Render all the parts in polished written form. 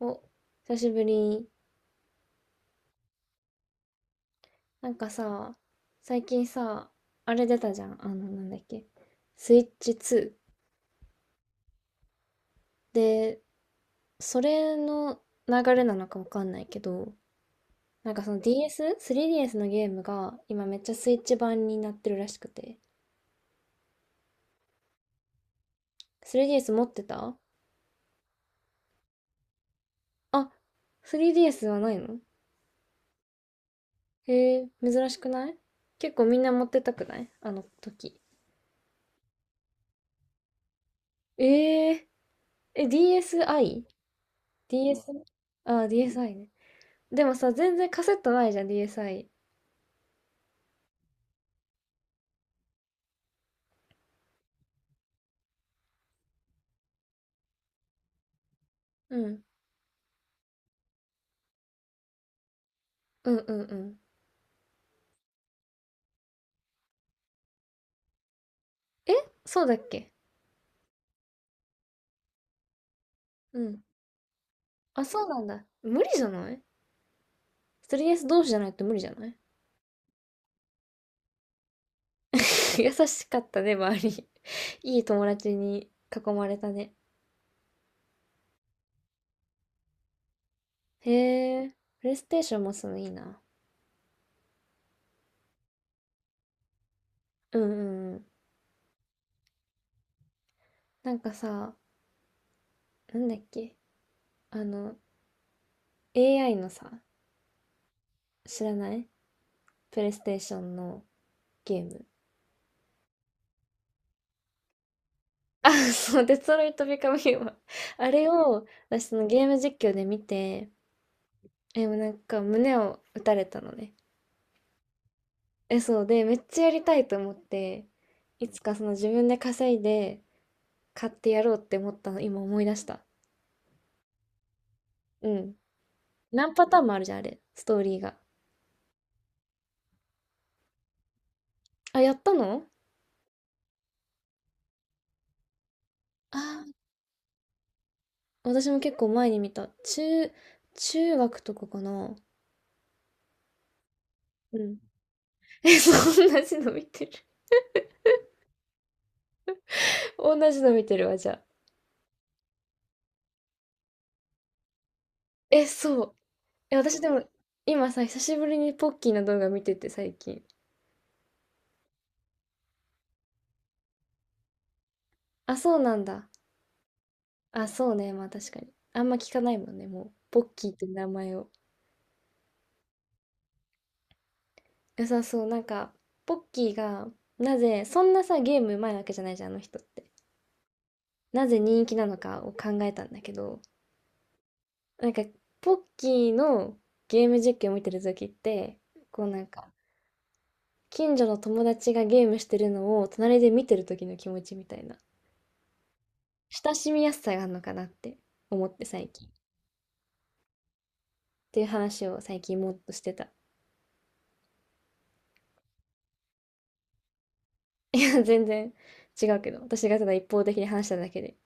お、久しぶり。なんかさ、最近さ、あれ出たじゃん。あの、なんだっけ。スイッチ2。で、それの流れなのかわかんないけど、なんかその DS?3DS のゲームが今めっちゃスイッチ版になってるらしくて。3DS 持ってた？あ、3DS はないの？へえ、珍しくない？結構みんな持ってたくない？あの時。えー、え、DSi?DS? あ、ディー、DSi ね。でもさ、全然カセットないじゃん、DSi。うん。うんうんうん。え、そうだっけ？うん。あ、そうなんだ。無理じゃない？ 3DS 同士じゃないと無理じゃない？ 優しかったね、周り。いい友達に囲まれたね。へえ、プレイステーションもすのいいな。うんうんうん。なんかさ、なんだっけ、あの、AI のさ、知らない？プレイステーションのゲーム。あ、そう、デトロイト・ビカム・ヒューマン。あれを、私そのゲーム実況で見て、え、もうなんか胸を打たれたのね。え、そうで、めっちゃやりたいと思って、いつかその自分で稼いで買ってやろうって思ったの、今思い出した。うん。何パターンもあるじゃん、あれ、ストーリーが。あ、やったの？あー、私も結構前に見た。中学とかかな。うん。え、そう、同じの見てる。同じの見てるわ、じゃあ。え、そう。え、私でも、今さ、久しぶりにポッキーの動画見てて、最近。あ、そうなんだ。あ、そうね、まあ確かに。あんま聞かないもんね、もう。ポッキーって名前を。良さそう。なんか、ポッキーが、なぜ、そんなさ、ゲームうまいわけじゃないじゃん、あの人って。なぜ人気なのかを考えたんだけど、なんか、ポッキーのゲーム実況を見てる時って、こうなんか、近所の友達がゲームしてるのを隣で見てる時の気持ちみたいな、親しみやすさがあるのかなって思って最近っていう話を最近もっとしてた。いや、全然違うけど、私がただ一方的に話しただけで。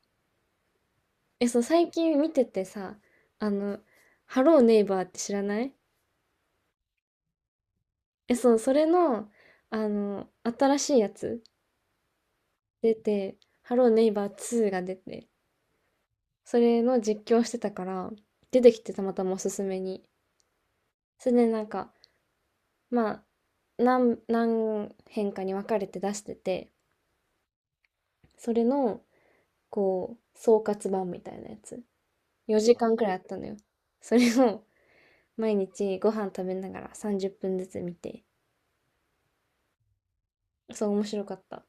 え、そう、最近見ててさ、あの、ハローネイバーって知らない？え、そう、それの、あの、新しいやつ出て、ハローネイバー2が出て、それの実況してたから、出てきてたまたまおすすめに。それでなんか、まあ、何編かに分かれて出してて、それの、こう、総括版みたいなやつ。4時間くらいあったのよ。それを毎日ご飯食べながら30分ずつ見て、そう、面白かった。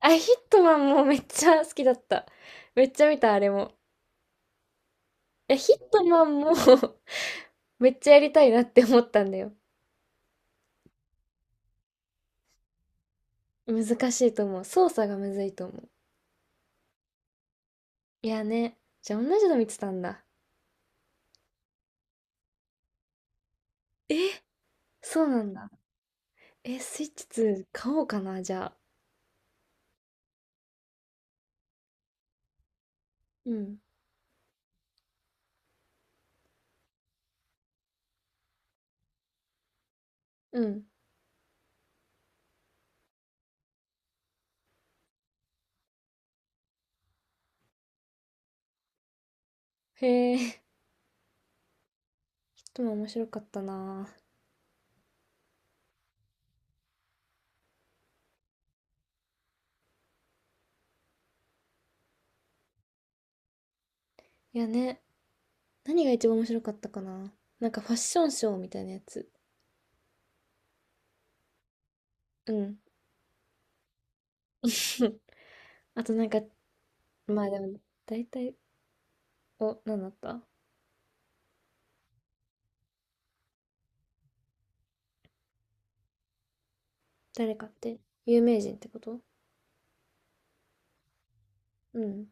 あ、ヒットマンもめっちゃ好きだった。めっちゃ見た、あれも。いや、ヒットマンも めっちゃやりたいなって思ったんだよ。難しいと思う。操作がむずいと思う。いやね。じゃあ同じの見てたんだ。え、そうなんだ。え、スイッチ2買おうかな、じゃあ。うん。うん。へえ、ヒットマン面白かったな。いやね。何が一番面白かったかな。なんかファッションショーみたいなやつ。うん。あとなんか、まあでも、大体、お、何だった？誰かって？有名人ってこと？うん。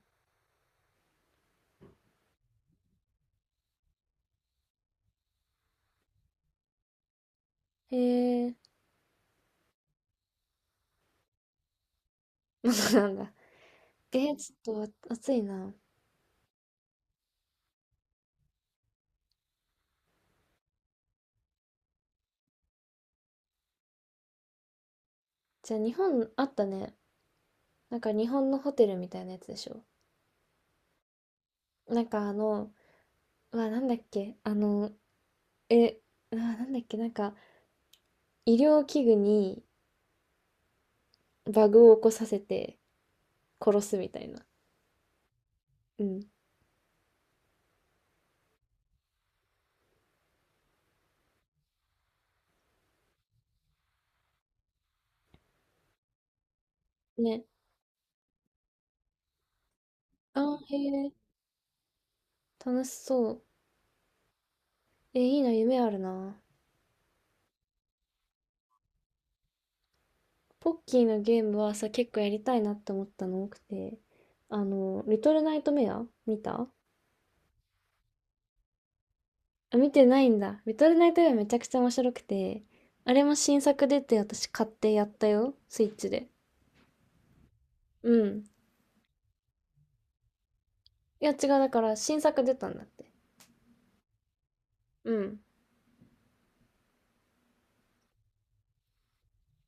へえ、まだなんだ。ちょっと暑いな。じゃあ日本あったね。なんか日本のホテルみたいなやつでしょ。なんかあの、うわ、なんだっけあの、え、うわ、なんだっけなんか医療器具にバグを起こさせて殺すみたいな。うん。ね。あー、へえ、楽しそう。え、いいな、夢あるな。ポッキーのゲームはさ、結構やりたいなって思ったの多くて。あの、リトルナイトメア見た？あ、見てないんだ。リトルナイトメアめちゃくちゃ面白くて。あれも新作出て私買ってやったよ。スイッチで。うん。いや違う、だから新作出たんだって。うん。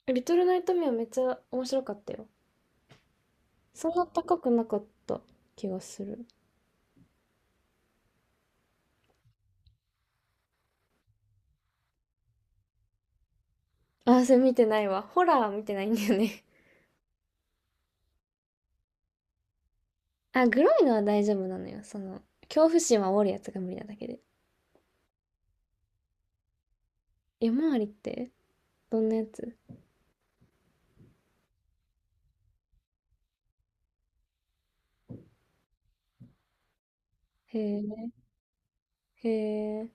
リトルナイトメアめっちゃ面白かったよ。そんな高くなかった気がする。あ、それ見てないわ。ホラー見てないんだよね。あ、グロいのは大丈夫なのよ。その、恐怖心は煽るやつが無理なだけで。夜回りってどんなやつ？へえ、へえ、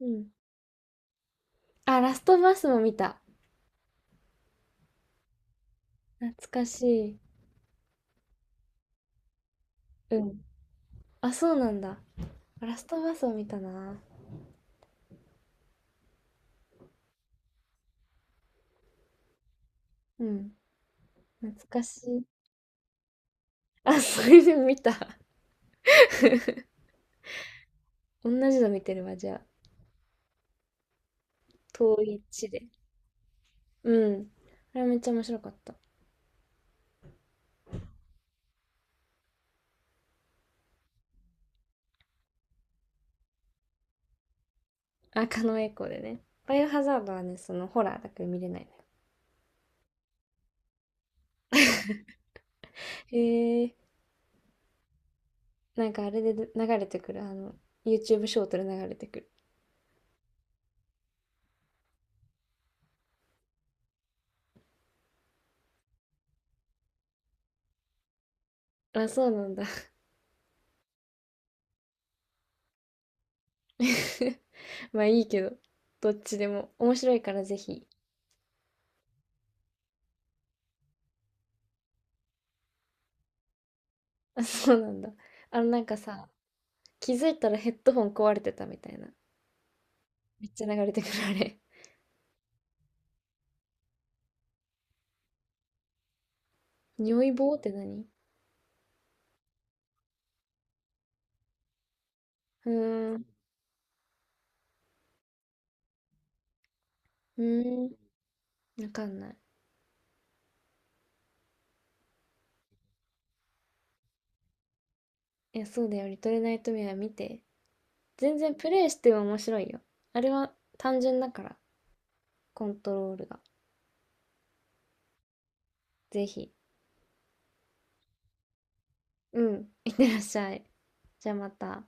うん。あ、ラストバスも見た。懐かしい。うん。あ、そうなんだ。ラストバスを見たな。うん。懐かしい。あ、それで見た。同じの見てるわ、じゃあ。遠い地で。うん。あれめっちゃ面白かった。あ、狩野英孝でね。バイオハザードはね、そのホラーだから見れない。へえ、なんかあれで流れてくる、あの、YouTube ショートで流れてくる。あ、そうなんだ。まあいいけど、どっちでも。面白いからぜひ。あ、そうなんだ。あのなんかさ、気づいたらヘッドホン壊れてたみたいな。めっちゃ流れてくるあれ。尿意棒って何？うーん、うーん、わかんない。いや、そうだよ。リトルナイトメア見て。全然プレイしても面白いよ。あれは単純だから、コントロールが。ぜひ。うん、いってらっしゃい。じゃあまた。